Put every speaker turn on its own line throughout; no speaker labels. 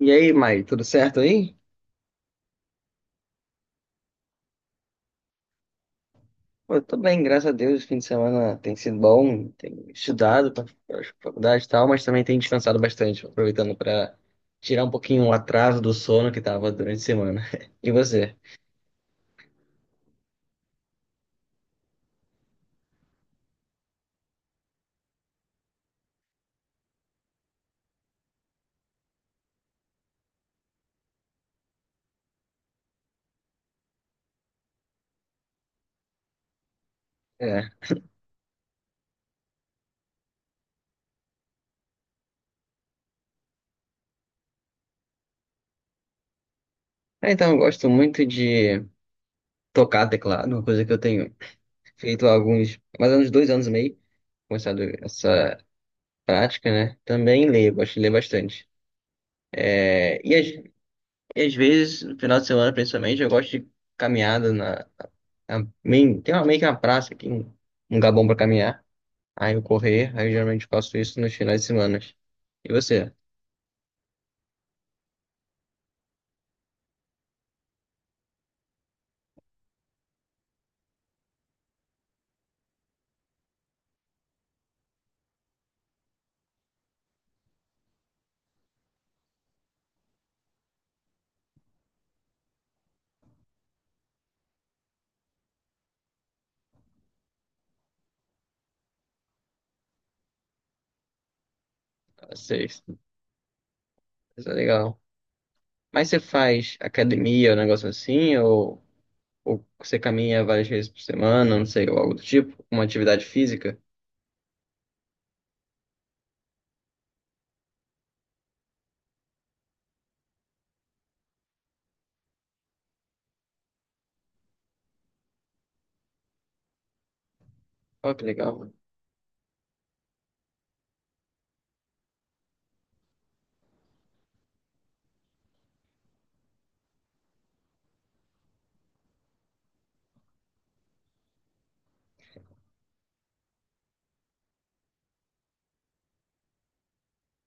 E aí, Mai, tudo certo aí? Pô, eu tô bem, graças a Deus. O fim de semana tem sido bom, tenho estudado para faculdade e tal, mas também tenho descansado bastante, aproveitando para tirar um pouquinho o atraso do sono que tava durante a semana. E você? É. Então, eu gosto muito de tocar teclado, uma coisa que eu tenho feito há alguns, mais ou menos dois anos e meio, começado essa prática, né? Também leio, gosto de ler bastante. É, e, às, e às vezes, no final de semana, principalmente, eu gosto de caminhada na tem uma, meio que uma praça aqui, um lugar bom pra caminhar. Aí eu geralmente faço isso nos finais de semana. E você? Vocês? Isso é legal. Mas você faz academia, um negócio assim? Ou você caminha várias vezes por semana, não sei, ou algo do tipo? Uma atividade física? Ó, que legal, mano.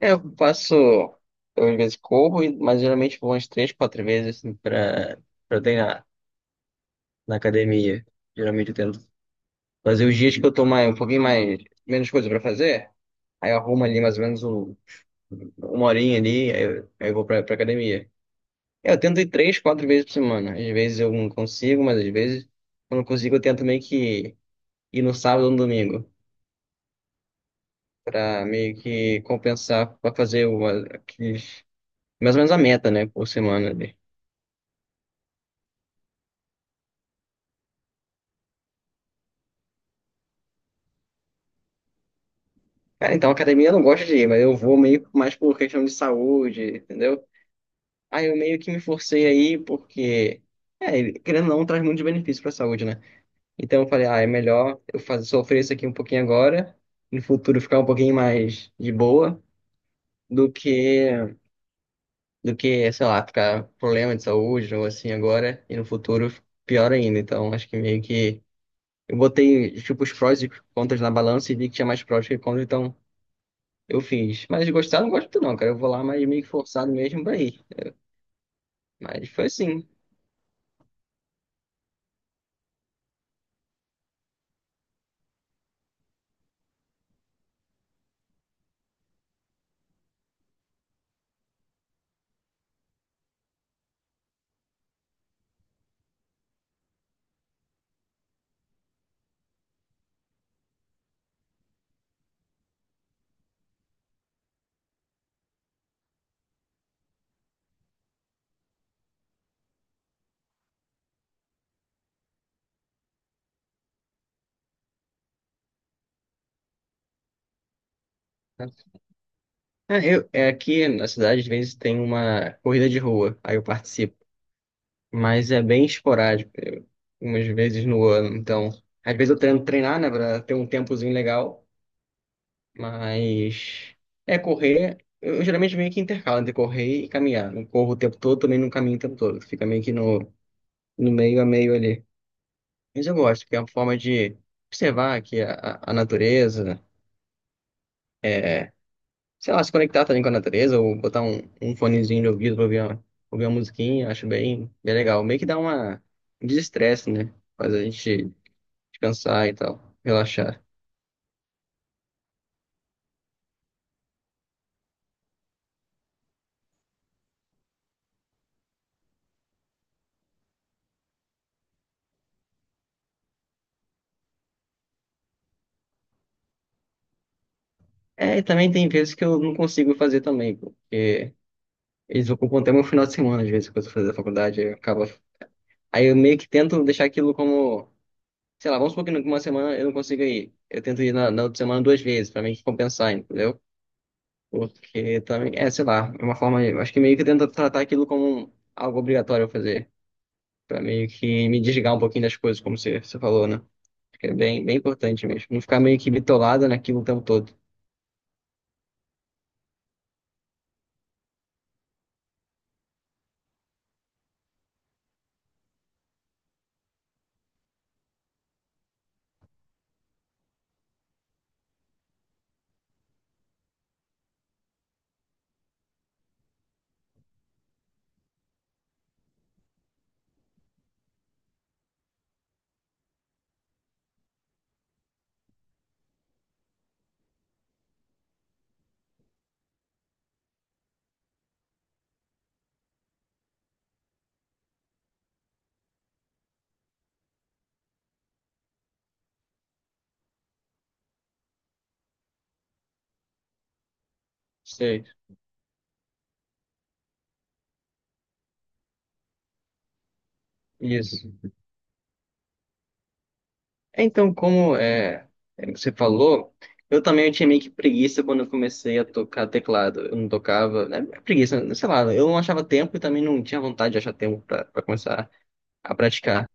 É, eu faço. Eu às vezes corro, mas geralmente vou umas três, quatro vezes assim, pra treinar na academia. Geralmente eu tento fazer os dias que eu tô mais, um pouquinho mais, menos coisa pra fazer. Aí eu arrumo ali mais ou menos uma horinha ali, aí eu vou pra academia. É, eu tento ir três, quatro vezes por semana. Às vezes eu não consigo, mas às vezes, quando eu consigo, eu tento meio que ir no sábado ou no domingo, pra meio que compensar, pra fazer uma, aqueles, mais ou menos a meta, né, por semana ali. Cara, então academia eu não gosto de ir, mas eu vou meio que mais por questão de saúde, entendeu? Aí eu meio que me forcei aí, porque, é, querendo ou não, traz muitos benefícios pra saúde, né? Então eu falei, ah, é melhor eu fazer, sofrer isso aqui um pouquinho agora, no futuro ficar um pouquinho mais de boa, do que, do que, sei lá, ficar com problema de saúde ou assim agora, e no futuro pior ainda. Então acho que meio que eu botei, tipo, os prós e contras na balança e vi que tinha mais prós que contras, então eu fiz. Mas gostar, eu não gosto muito não, cara. Eu vou lá, mas meio que forçado mesmo pra ir. Mas foi assim. Né? Ah, é aqui na cidade, às vezes tem uma corrida de rua, aí eu participo. Mas é bem esporádico, umas vezes no ano. Então, às vezes eu tento treinar, né, pra ter um tempozinho legal, mas é correr. Eu geralmente meio que intercalo entre correr e caminhar. Não corro o tempo todo, também não caminho o tempo todo. Fica meio que no meio a meio ali. Mas eu gosto, porque é uma forma de observar aqui a natureza, é, sei lá, se conectar também com a natureza, ou botar um fonezinho de ouvido pra ouvir ouvir uma musiquinha, acho bem, bem legal. Meio que dá uma um desestresse, né? Faz a gente descansar e tal, relaxar. É, e também tem vezes que eu não consigo fazer também, pô, porque eles ocupam até meu final de semana, às vezes, quando eu fazer a faculdade, aí eu acaba... Aí eu meio que tento deixar aquilo como, sei lá, vamos supor que numa semana eu não consiga ir. Eu tento ir na outra semana duas vezes, pra meio compensar, entendeu? Porque também, é, sei lá, é uma forma, eu acho que meio que tento tratar aquilo como um, algo obrigatório eu fazer, pra meio que me desligar um pouquinho das coisas, como você falou, né? Acho que é bem, bem importante mesmo, não ficar meio que bitolado naquilo o tempo todo. Sei, isso. É, então, como é, é, você falou, eu também tinha meio que preguiça quando eu comecei a tocar teclado. Eu não tocava, né? Preguiça, sei lá, eu não achava tempo e também não tinha vontade de achar tempo pra começar a praticar.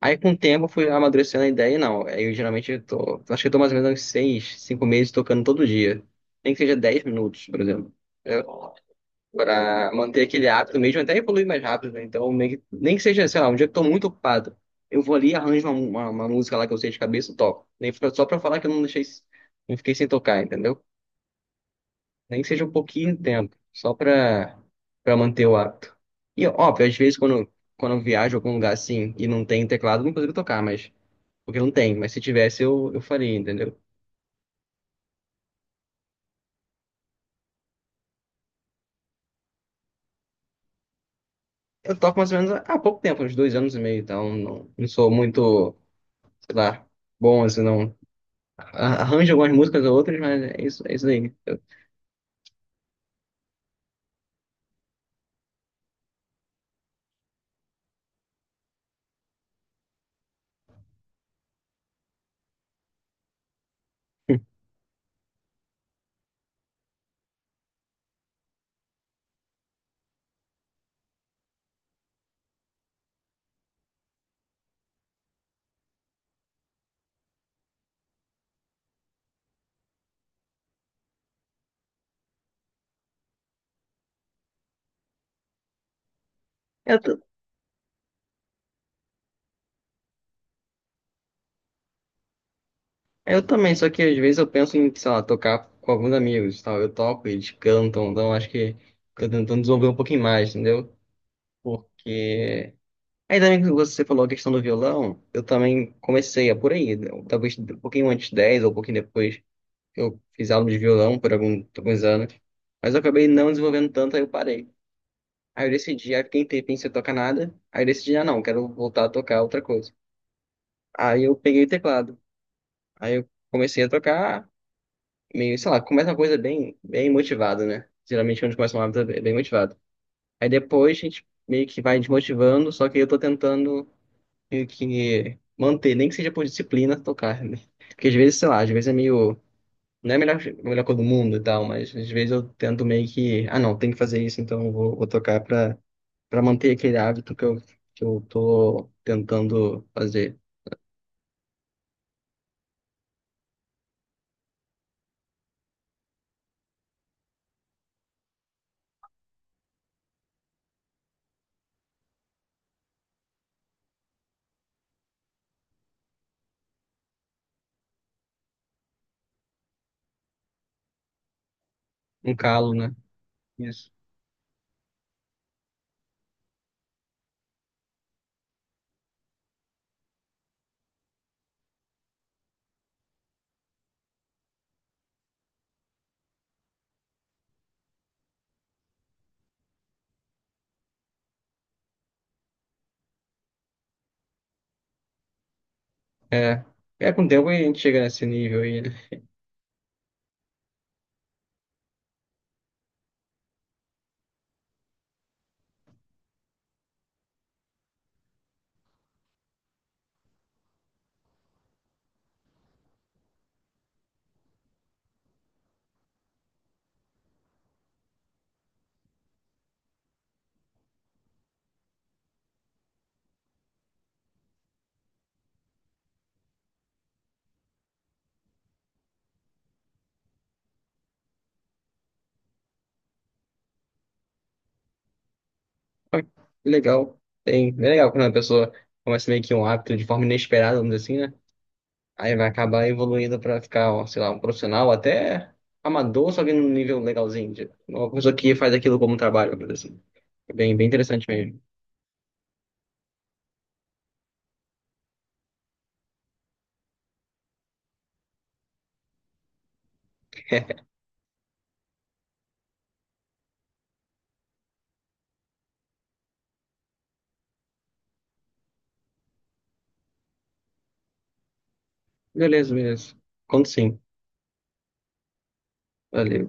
Aí, com o tempo, eu fui amadurecendo a ideia e não. Aí, eu geralmente eu tô, acho que eu tô mais ou menos uns seis, cinco meses tocando todo dia. Nem que seja dez minutos, por exemplo para manter aquele hábito mesmo, até evoluir mais rápido, né? Então, meio que- nem que seja, sei lá, um dia que eu tô muito ocupado, eu vou ali arranjo uma música lá que eu sei de cabeça e toco. Nem fica só para falar que eu não deixei, não fiquei sem tocar, entendeu? Nem que seja um pouquinho de tempo, só para manter o hábito. E, óbvio, às vezes quando eu viajo a algum lugar assim e não tem teclado, eu não consigo tocar, mas, porque não tem, mas se tivesse eu faria, entendeu? Eu toco mais ou menos há pouco tempo, uns dois anos e meio, então não, não sou muito, sei lá, bom assim, não. Arranjo algumas músicas ou outras, mas é isso aí. Eu, t- eu também, só que às vezes eu penso em, sei lá, tocar com alguns amigos, e tal. Eu toco, eles cantam, então acho que tô tentando desenvolver um pouquinho mais, entendeu? Porque. Aí também que você falou a questão do violão, eu também comecei a por aí, né? Talvez um pouquinho antes de 10 ou um pouquinho depois, eu fiz aula de violão por alguns anos, mas eu acabei não desenvolvendo tanto, aí eu parei. Aí eu decidi, aí fiquei um tempinho sem tocar nada, aí eu decidi, ah não, quero voltar a tocar outra coisa. Aí eu peguei o teclado. Aí eu comecei a tocar, meio, sei lá, começa uma coisa bem, bem motivada, né? Geralmente quando a gente começa uma hábito é bem motivado. Aí depois a gente meio que vai desmotivando, só que eu tô tentando meio que manter, nem que seja por disciplina, tocar, né? Porque às vezes, sei lá, às vezes é meio. Não é a melhor coisa do mundo e tal, mas às vezes eu tento meio que. Ah, não, tem que fazer isso, então vou tocar pra manter aquele hábito que eu tô tentando fazer. Um calo, né? É, é com o tempo a gente chega nesse nível aí, né? Ah, legal. Tem, é legal quando a pessoa começa meio que um hábito de forma inesperada, vamos dizer assim, né? Aí vai acabar evoluindo pra ficar, ó, sei lá, um profissional, até amador, só que num nível legalzinho. De- uma pessoa que faz aquilo como um trabalho, vamos dizer assim. É bem, bem interessante mesmo. Beleza, beleza. Conto sim. Valeu.